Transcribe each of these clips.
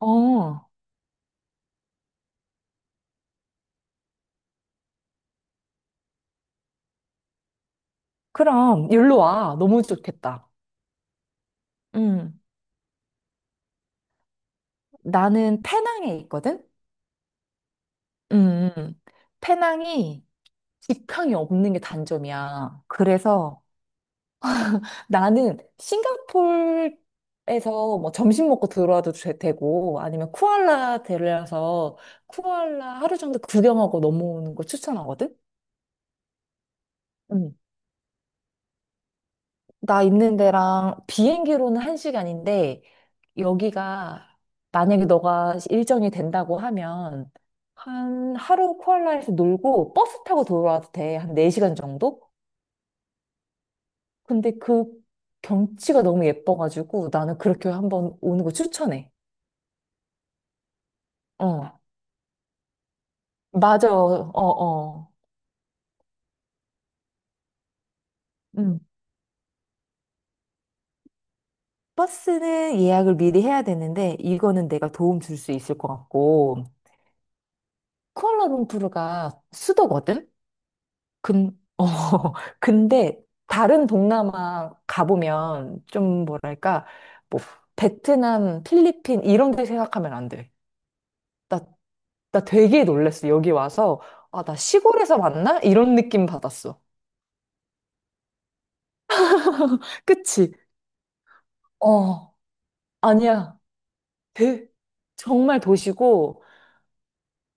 어, 그럼 일로 와. 너무 좋겠다. 음, 나는 페낭에 있거든? 음, 음. 페낭이 직항이 없는 게 단점이야. 그래서 나는 싱가폴에서 뭐 점심 먹고 들어와도 고 아니면 쿠알라 데려와서 쿠알라 하루 정도 구경하고 넘어오는 거 추천하거든? 나 있는 데랑 비행기로는 한시간인데 여기가 만약에 너가 일정이 된다고 하면 한 하루 쿠알라에서 놀고 버스 타고 돌아와도 돼. 한 4시간 정도? 근데 그 경치가 너무 예뻐가지고 나는 그렇게 한번 오는 거 추천해. 어. 맞아. 어, 어. 음. 버스는 예약을 미리 해야 되는데 이거는 내가 도움 줄 수 있을 것 같고 쿠알라룸푸르가 수도거든? 근, 어, 근데 다른 동남아 가보면 좀 뭐랄까, 뭐, 베트남, 필리핀 이런 데 생각하면 안 돼. 나, 나 되게 놀랬어. 여기 와서, 아, 나 시골에서 왔나 이런 느낌 받았어. 그치? 어, 아니야. 되, 정말 도시고,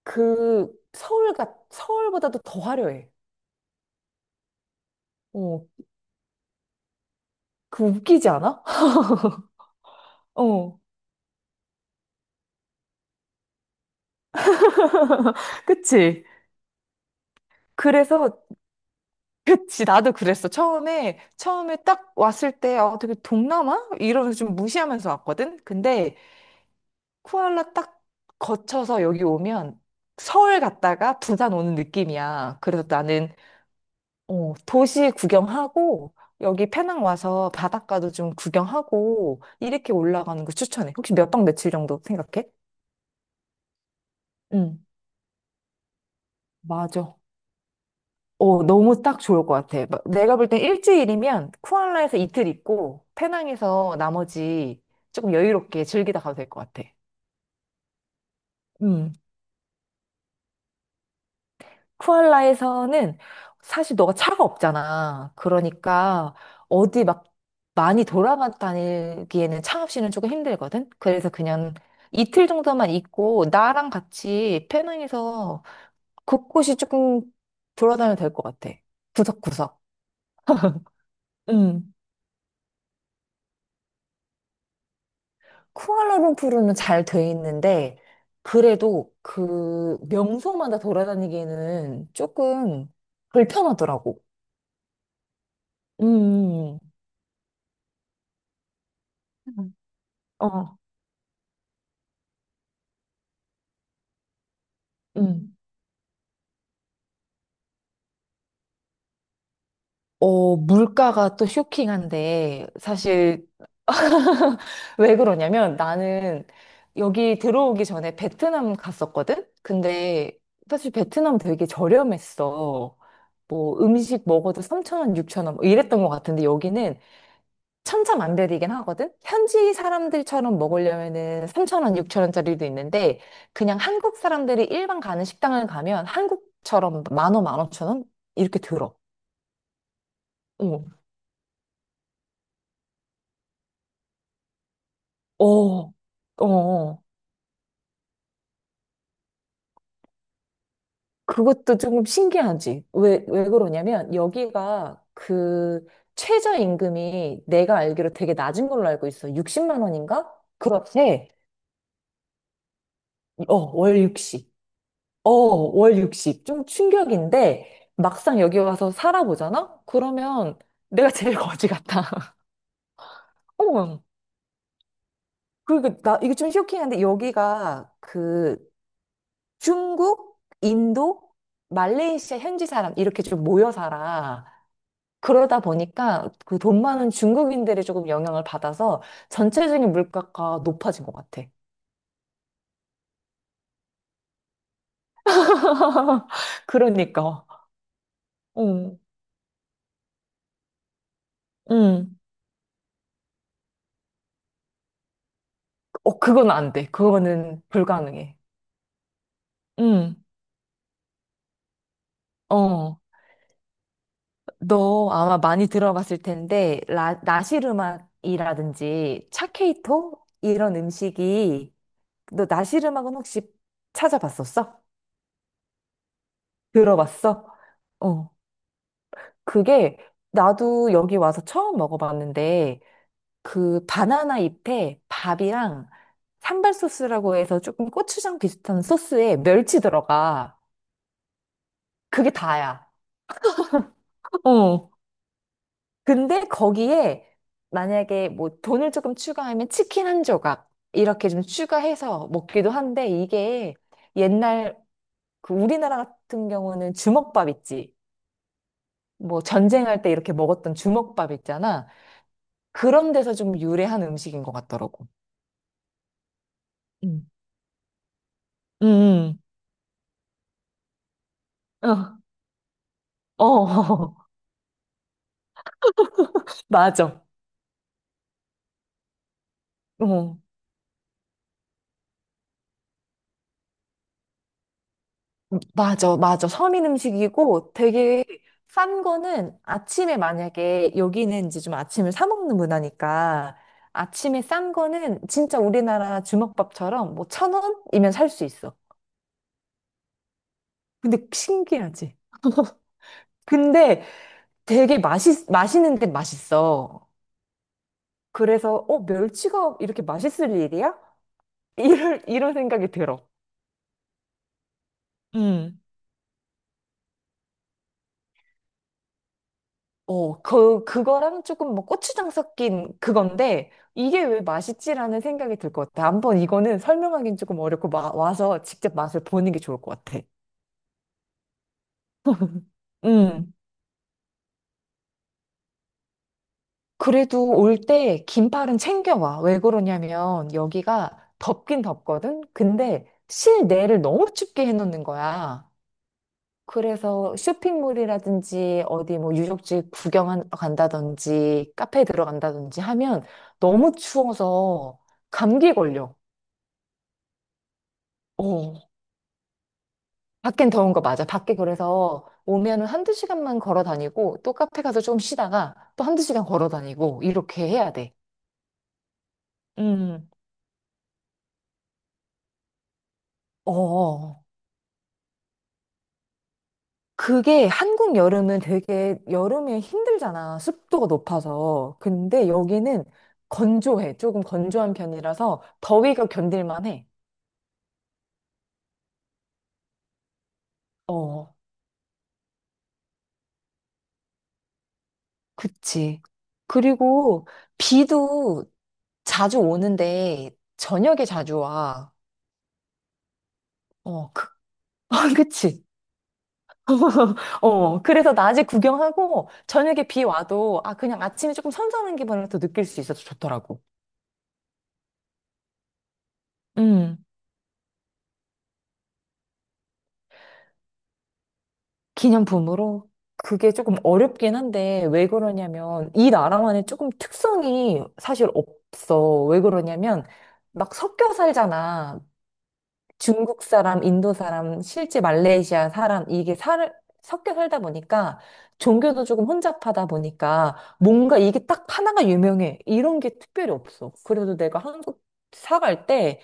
서울보다도 더 화려해. 어, 그 웃기지 않아? 어, 그치? 그래서 그치, 나도 그랬어. 처음에 딱 왔을 때, 어, 되게 동남아? 이러면서 좀 무시하면서 왔거든? 근데 쿠알라 딱 거쳐서 여기 오면 서울 갔다가 부산 오는 느낌이야. 그래서 나는, 도시 구경하고, 여기 페낭 와서 바닷가도 좀 구경하고, 이렇게 올라가는 거 추천해. 혹시 몇 박 며칠 정도 생각해? 응, 맞아. 너무 딱 좋을 것 같아. 막 내가 볼 땐 일주일이면 쿠알라에서 이틀 있고 페낭에서 나머지 조금 여유롭게 즐기다 가도 될 것 같아. 음. 쿠알라에서는 사실 너가 차가 없잖아. 그러니까 어디 막 많이 돌아다니기에는 차 없이는 조금 힘들거든. 그래서 그냥 이틀 정도만 있고 나랑 같이 페낭에서 곳곳이 조금 돌아다녀도 될 것 같아. 구석구석. 음. 쿠알라룸푸르는 잘 돼 있는데, 그래도 그 명소마다 돌아다니기에는 조금 불편하더라고. 음, 음. 어, 음. 물가가 또 쇼킹한데, 사실. 왜 그러냐면 나는 여기 들어오기 전에 베트남 갔었거든? 근데 사실 베트남 되게 저렴했어. 뭐 음식 먹어도 3천원6천원 뭐 이랬던 것 같은데 여기는 천차만별이긴 하거든? 현지 사람들처럼 먹으려면은 3천원6천원짜리도 있는데, 그냥 한국 사람들이 일반 가는 식당을 가면 한국처럼 10,000원, 15,000원? 이렇게 들어. 어, 어, 어. 그것도 조금 신기하지. 왜 그러냐면, 여기가 그 최저임금이 내가 알기로 되게 낮은 걸로 알고 있어. 60만 원인가? 그렇대. 어, 월 60. 어, 월 60. 좀 충격인데, 막상 여기 와서 살아보잖아? 그러면 내가 제일 거지 같아. 어, 그리고 이게 좀 쇼킹한데, 여기가 그 중국, 인도, 말레이시아 현지 사람, 이렇게 좀 모여 살아. 그러다 보니까 그 돈 많은 중국인들이 조금 영향을 받아서 전체적인 물가가 높아진 것 같아. 그러니까. 응, 응. 어, 그건 안 돼. 그거는 불가능해. 응, 어. 너 아마 많이 들어봤을 텐데, 나시르막이라든지 차케이토? 이런 음식이, 너 나시르막은 혹시 찾아봤었어? 들어봤어? 어, 그게 나도 여기 와서 처음 먹어봤는데, 그 바나나 잎에 밥이랑 산발 소스라고 해서 조금 고추장 비슷한 소스에 멸치 들어가. 그게 다야. 어. 근데 거기에 만약에 뭐 돈을 조금 추가하면 치킨 한 조각 이렇게 좀 추가해서 먹기도 한데 이게 옛날 그 우리나라 같은 경우는 주먹밥 있지. 뭐 전쟁할 때 이렇게 먹었던 주먹밥 있잖아. 그런 데서 좀 유래한 음식인 것 같더라고. 음. 음. 음. 어, 어. 맞아. 어. 맞아, 맞아. 서민 음식이고 되게 싼 거는 아침에 만약에 여기는 이제 좀 아침을 사 먹는 문화니까 아침에 싼 거는 진짜 우리나라 주먹밥처럼 뭐 천 원이면 살 수 있어. 근데 신기하지? 근데 되게 맛있는 데 맛있어. 그래서 멸치가 이렇게 맛있을 일이야? 이런 생각이 들어. 그거랑 조금 뭐 고추장 섞인 그건데, 이게 왜 맛있지라는 생각이 들 것 같아. 한번 이거는 설명하기는 조금 어렵고, 와서 직접 맛을 보는 게 좋을 것 같아. 음. 그래도 올 때 긴팔은 챙겨와. 왜 그러냐면, 여기가 덥긴 덥거든? 근데 실내를 너무 춥게 해놓는 거야. 그래서 쇼핑몰이라든지, 어디 뭐 유적지 구경 간다든지, 카페에 들어간다든지 하면 너무 추워서 감기 걸려. 어, 밖엔 더운 거 맞아. 밖에 그래서 오면은 한두 시간만 걸어 다니고 또 카페 가서 좀 쉬다가 또 한두 시간 걸어 다니고 이렇게 해야 돼. 음. 어. 그게 한국 여름은 되게 여름에 힘들잖아. 습도가 높아서. 근데 여기는 건조해. 조금 건조한 편이라서 더위가 견딜만 해. 어, 그치. 그리고 비도 자주 오는데 저녁에 자주 와. 어, 어, 그치. 그래서 낮에 구경하고 저녁에 비 와도 아, 그냥 아침에 조금 선선한 기분을 또 느낄 수 있어서 좋더라고. 음, 기념품으로 그게 조금 어렵긴 한데 왜 그러냐면 이 나라만의 조금 특성이 사실 없어. 왜 그러냐면 막 섞여 살잖아. 중국 사람, 인도 사람, 실제 말레이시아 사람, 섞여 살다 보니까 종교도 조금 혼잡하다 보니까 뭔가 이게 딱 하나가 유명해. 이런 게 특별히 없어. 그래도 내가 한국 사갈 때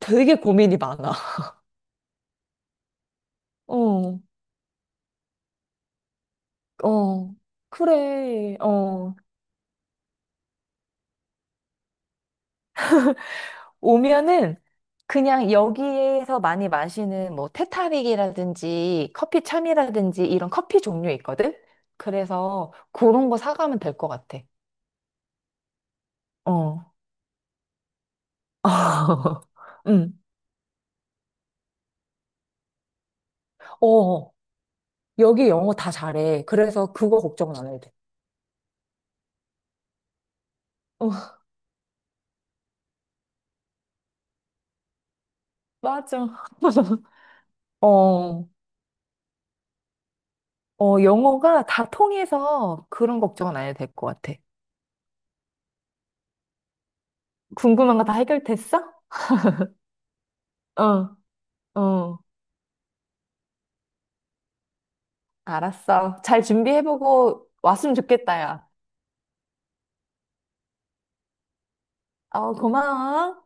되게 고민이 많아. 어, 어, 그래, 어. 오면은 그냥 여기에서 많이 마시는 뭐 테타릭이라든지 커피 참이라든지 이런 커피 종류 있거든? 그래서 그런 거 사가면 될 것 같아. 어. 아. 응. 어, 여기 영어 다 잘해. 그래서 그거 걱정은 안 해도 돼. 어, 맞아. 어, 어, 영어가 다 통해서 그런 걱정은 안 해도 될 것 같아. 궁금한 거 다 해결됐어? 어, 어. 알았어. 잘 준비해보고 왔으면 좋겠다, 야. 어, 고마워.